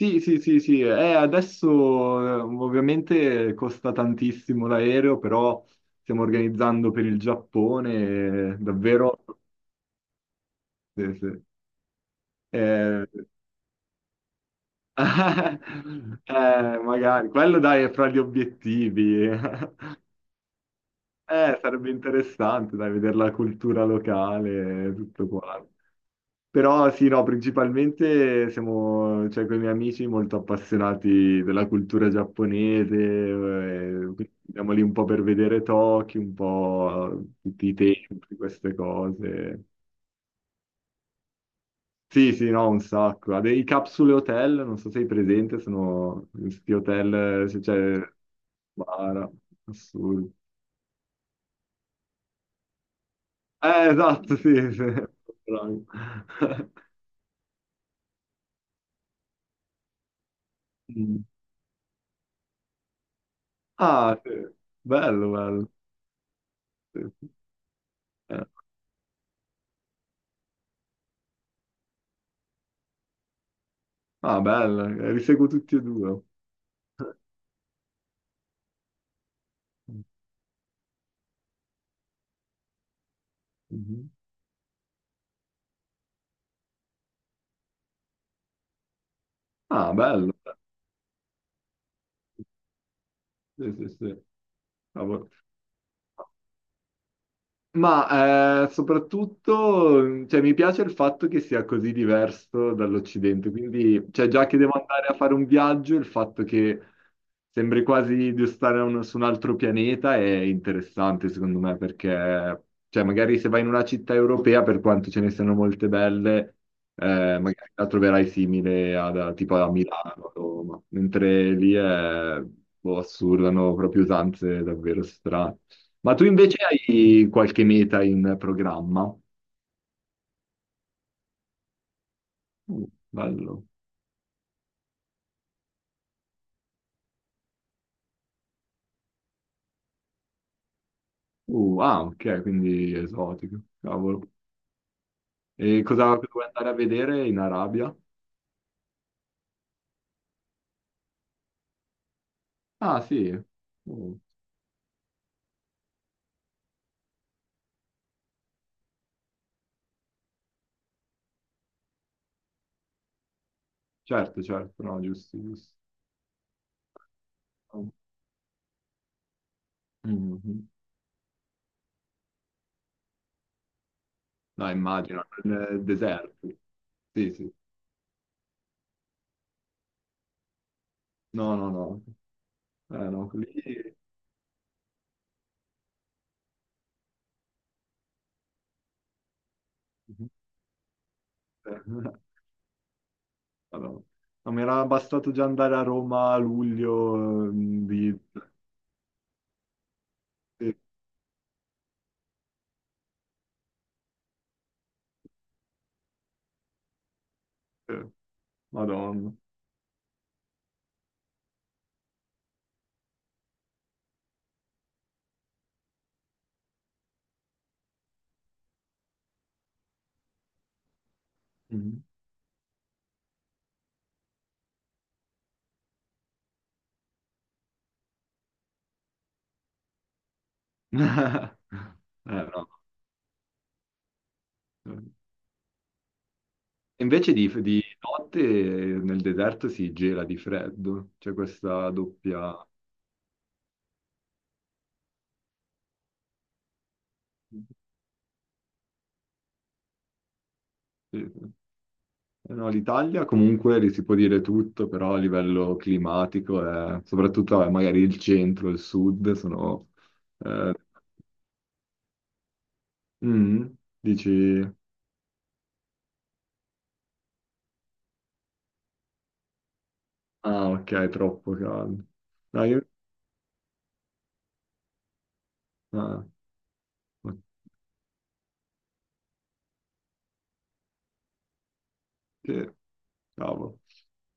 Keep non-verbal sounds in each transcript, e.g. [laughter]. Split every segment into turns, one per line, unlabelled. Sì, sì, sì, sì, adesso ovviamente costa tantissimo l'aereo, però stiamo organizzando per il Giappone, davvero, sì, sì. Eh, [laughs] magari, quello dai è fra gli obiettivi, [laughs] sarebbe interessante dai, vedere la cultura locale, tutto quanto. Però sì, no, principalmente siamo, cioè, con i miei amici molto appassionati della cultura giapponese, quindi andiamo lì un po' per vedere Tokyo, un po' tutti i templi, queste cose. Sì, sì, no, un sacco. Ha dei capsule hotel, non so se sei presente, sono questi hotel, se c'è. Bara, assurdo. Esatto, sì, sì. [laughs] Bravo. [laughs] Mm. Ah, sì. Bello, bello. Sì, sì. Eh. Ah, bello, li seguo tutti e due. [laughs] Mhm. Ah, bello. Sì, sì, sì. Cavolo. Ma soprattutto, cioè, mi piace il fatto che sia così diverso dall'Occidente, quindi cioè, già che devo andare a fare un viaggio, il fatto che sembri quasi di stare su un altro pianeta è interessante secondo me, perché cioè, magari se vai in una città europea, per quanto ce ne siano molte belle, magari la troverai simile a, tipo a Milano, a Roma, mentre lì è boh, assurdo, hanno proprio usanze davvero strane. Ma tu invece hai qualche meta in programma? Uh, bello. Ah, ok, quindi esotico. Cavolo. E cosa vuoi andare a vedere in Arabia? Ah, sì. Uh, certo, certo, no, giusto, giusto. Mhm. No, immagino, nel deserto. Sì, sì. No, no, no. No, lì. Mhm. Eh, [laughs] Allora, no, mi era bastato già andare a Roma a luglio di. eh, Madonna. Mhm. [laughs] No. Invece di notte nel deserto si gela di freddo, c'è questa doppia. Sì, sì. No, l'Italia comunque lì si può dire tutto, però a livello climatico, soprattutto magari il centro, il sud, sono. Eh, mm, dici, ah ok, è troppo caldo. No, ah, ok, cavolo.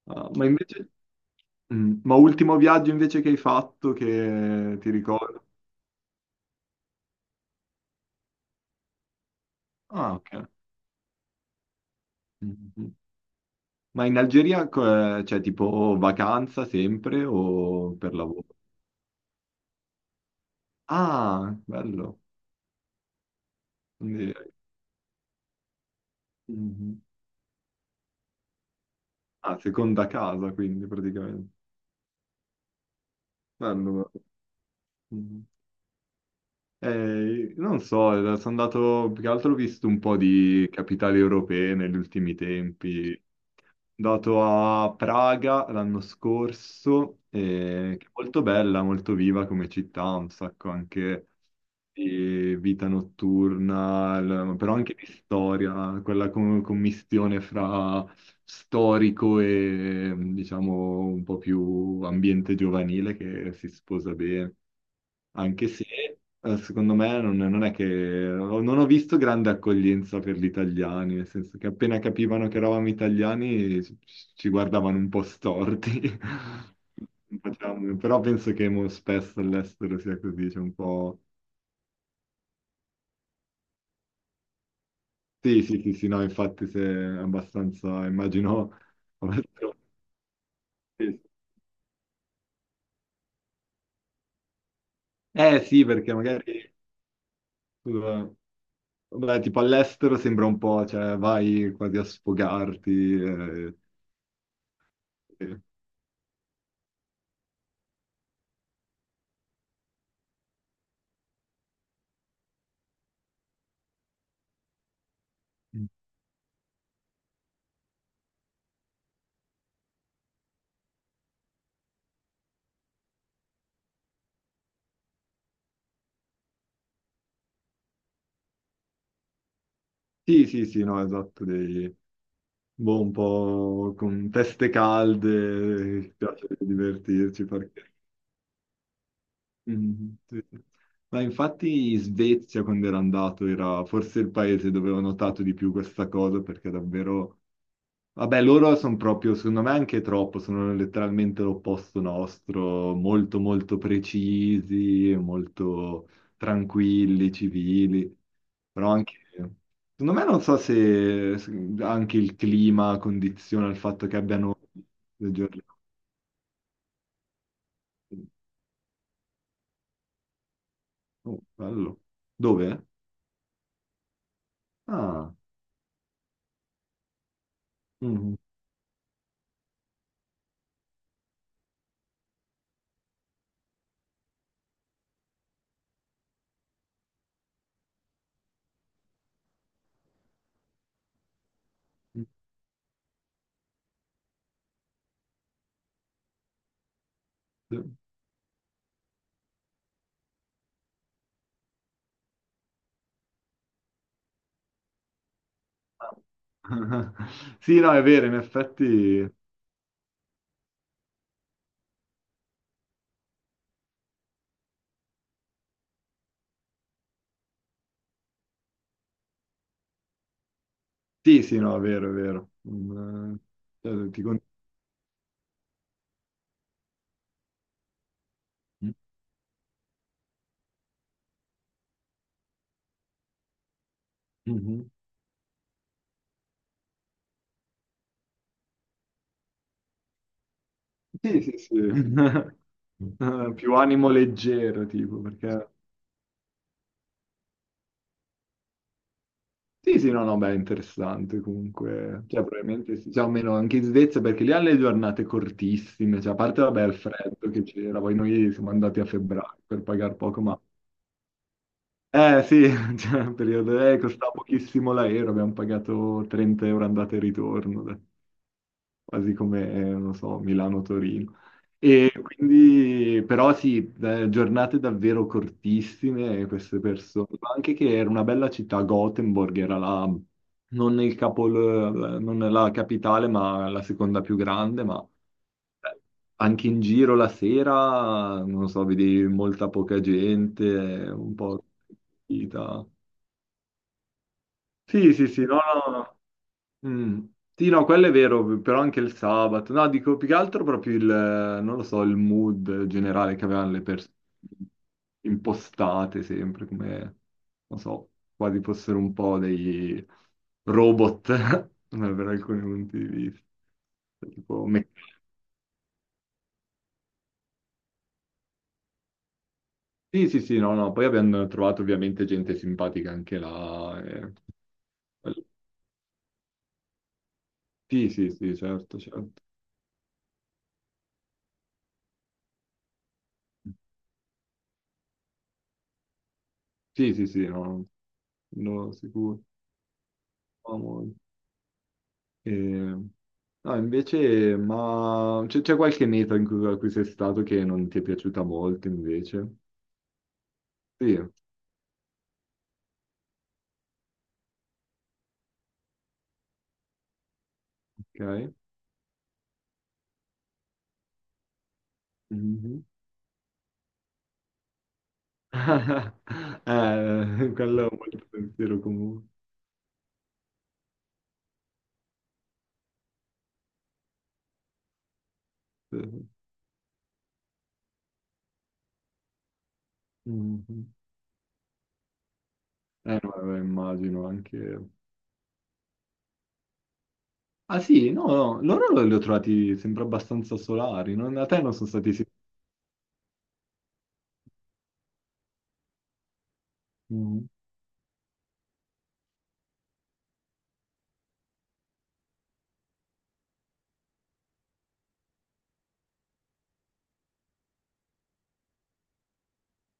Ah, ma invece. Mm. Ma ultimo viaggio invece che hai fatto che ti ricordo? Ah, ok. Mhm. Ma in Algeria c'è tipo vacanza sempre o per lavoro? Ah, bello. Quindi- Mhm. Ah, seconda casa quindi praticamente. Bello. Bello. Mhm. Non so, sono andato, più che altro ho visto un po' di capitali europee negli ultimi tempi. Sono andato a Praga l'anno scorso, che è molto bella, molto viva come città, un sacco anche di vita notturna, però anche di storia, quella commistione fra storico e diciamo un po' più ambiente giovanile che si sposa bene anche se secondo me non è che non ho visto grande accoglienza per gli italiani, nel senso che appena capivano che eravamo italiani ci guardavano un po' storti. [laughs] Però penso che mo spesso all'estero sia così, c'è un po'. Sì, sì, sì, sì, no, infatti se è abbastanza, immagino. [laughs] Sì. Eh sì, perché magari. Scusa, vabbè, tipo all'estero sembra un po', cioè vai quasi a sfogarti. Eh, sì. Sì, sì, sì, no, esatto, dei, boh, un po' con teste calde, ci piace divertirci perché. Mhm, sì, sì. Ma infatti in Svezia, quando ero andato, era forse il paese dove ho notato di più questa cosa, perché davvero. Vabbè, loro sono proprio, secondo me, anche troppo, sono letteralmente l'opposto nostro, molto molto precisi, molto tranquilli, civili, però anche, secondo me non so se anche il clima condiziona il fatto che abbiano le giornate. Oh, bello. Dove? Ah. Mhm. [laughs] Sì, no, è vero, in effetti. Sì, sì, no, è vero, è vero. Eh, ti con- mm. Mhm. Sì, sì, sì. [laughs] Più animo leggero, tipo, perché. Sì, sì, no, no, beh, è interessante comunque. Cioè, probabilmente sì. Cioè, almeno anche in Svezia, perché lì hanno le giornate cortissime. Cioè, a parte, vabbè, il freddo che c'era. Poi noi siamo andati a febbraio per pagare poco, ma. Sì, [laughs] cioè, periodo. Costava pochissimo l'aereo. Abbiamo pagato 30 euro andata e ritorno. Dai. Quasi come, non so, Milano-Torino. E quindi, però sì, giornate davvero cortissime queste persone, ma anche che era una bella città, Gothenburg era la, non il capol, non la capitale, ma la seconda più grande, ma eh, anche in giro la sera, non so, vedi molta poca gente, un po', vita. Sì, sì, sì, no, no, no. Mm. Sì, no, quello è vero, però anche il sabato. No, dico più che altro proprio il, non lo so, il mood generale che avevano le persone impostate sempre, come, non so, quasi fossero un po' dei robot, [laughs] per alcuni punti di vista. Tipo, Sì, sì, sì, no, no, poi abbiamo trovato ovviamente gente simpatica anche là. Sì, sì, sì, certo, certo. Sì, sì, sì, no, no, sicuro. No, no. No, invece, ma c'è qualche meta in cui, a cui sei stato che non ti è piaciuta molto, invece? Sì, ok. Mhm. [laughs] Quello è un bel pensiero comune. Mhm. No, vabbè, immagino anche. Ah sì, no, no, loro li ho trovati sempre abbastanza solari, non, a te non sono stati. Sì. Mhm.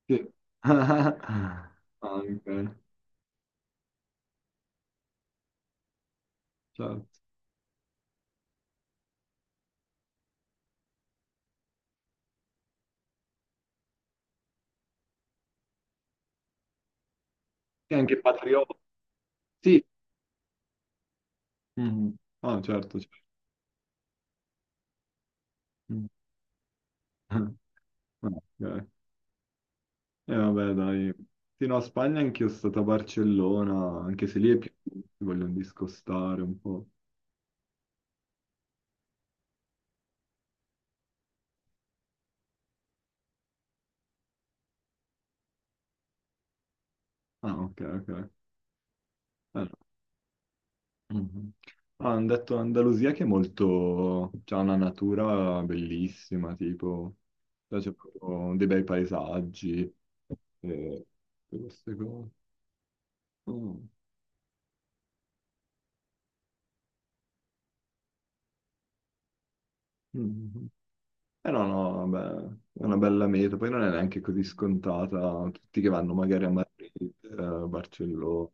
Sì. [laughs] Anche, certo. E anche patrioti. Sì. Mhm. Ah, certo, certo. Mm. [laughs] Ah, ok. E vabbè, dai. Sì, no, Spagna anch'io sono stato a Barcellona, anche se lì è più. Si vogliono discostare un po'. Ah, ok, ok. No. Mhm. Ah, hanno detto Andalusia che è molto. C'ha una natura bellissima, tipo, cioè, c'è proprio dei bei paesaggi e tutte queste cose. Mm. Mhm. Eh no, no, vabbè, è una bella meta. Poi non è neanche così scontata. Tutti che vanno magari a Madrid, eh, Barcellona.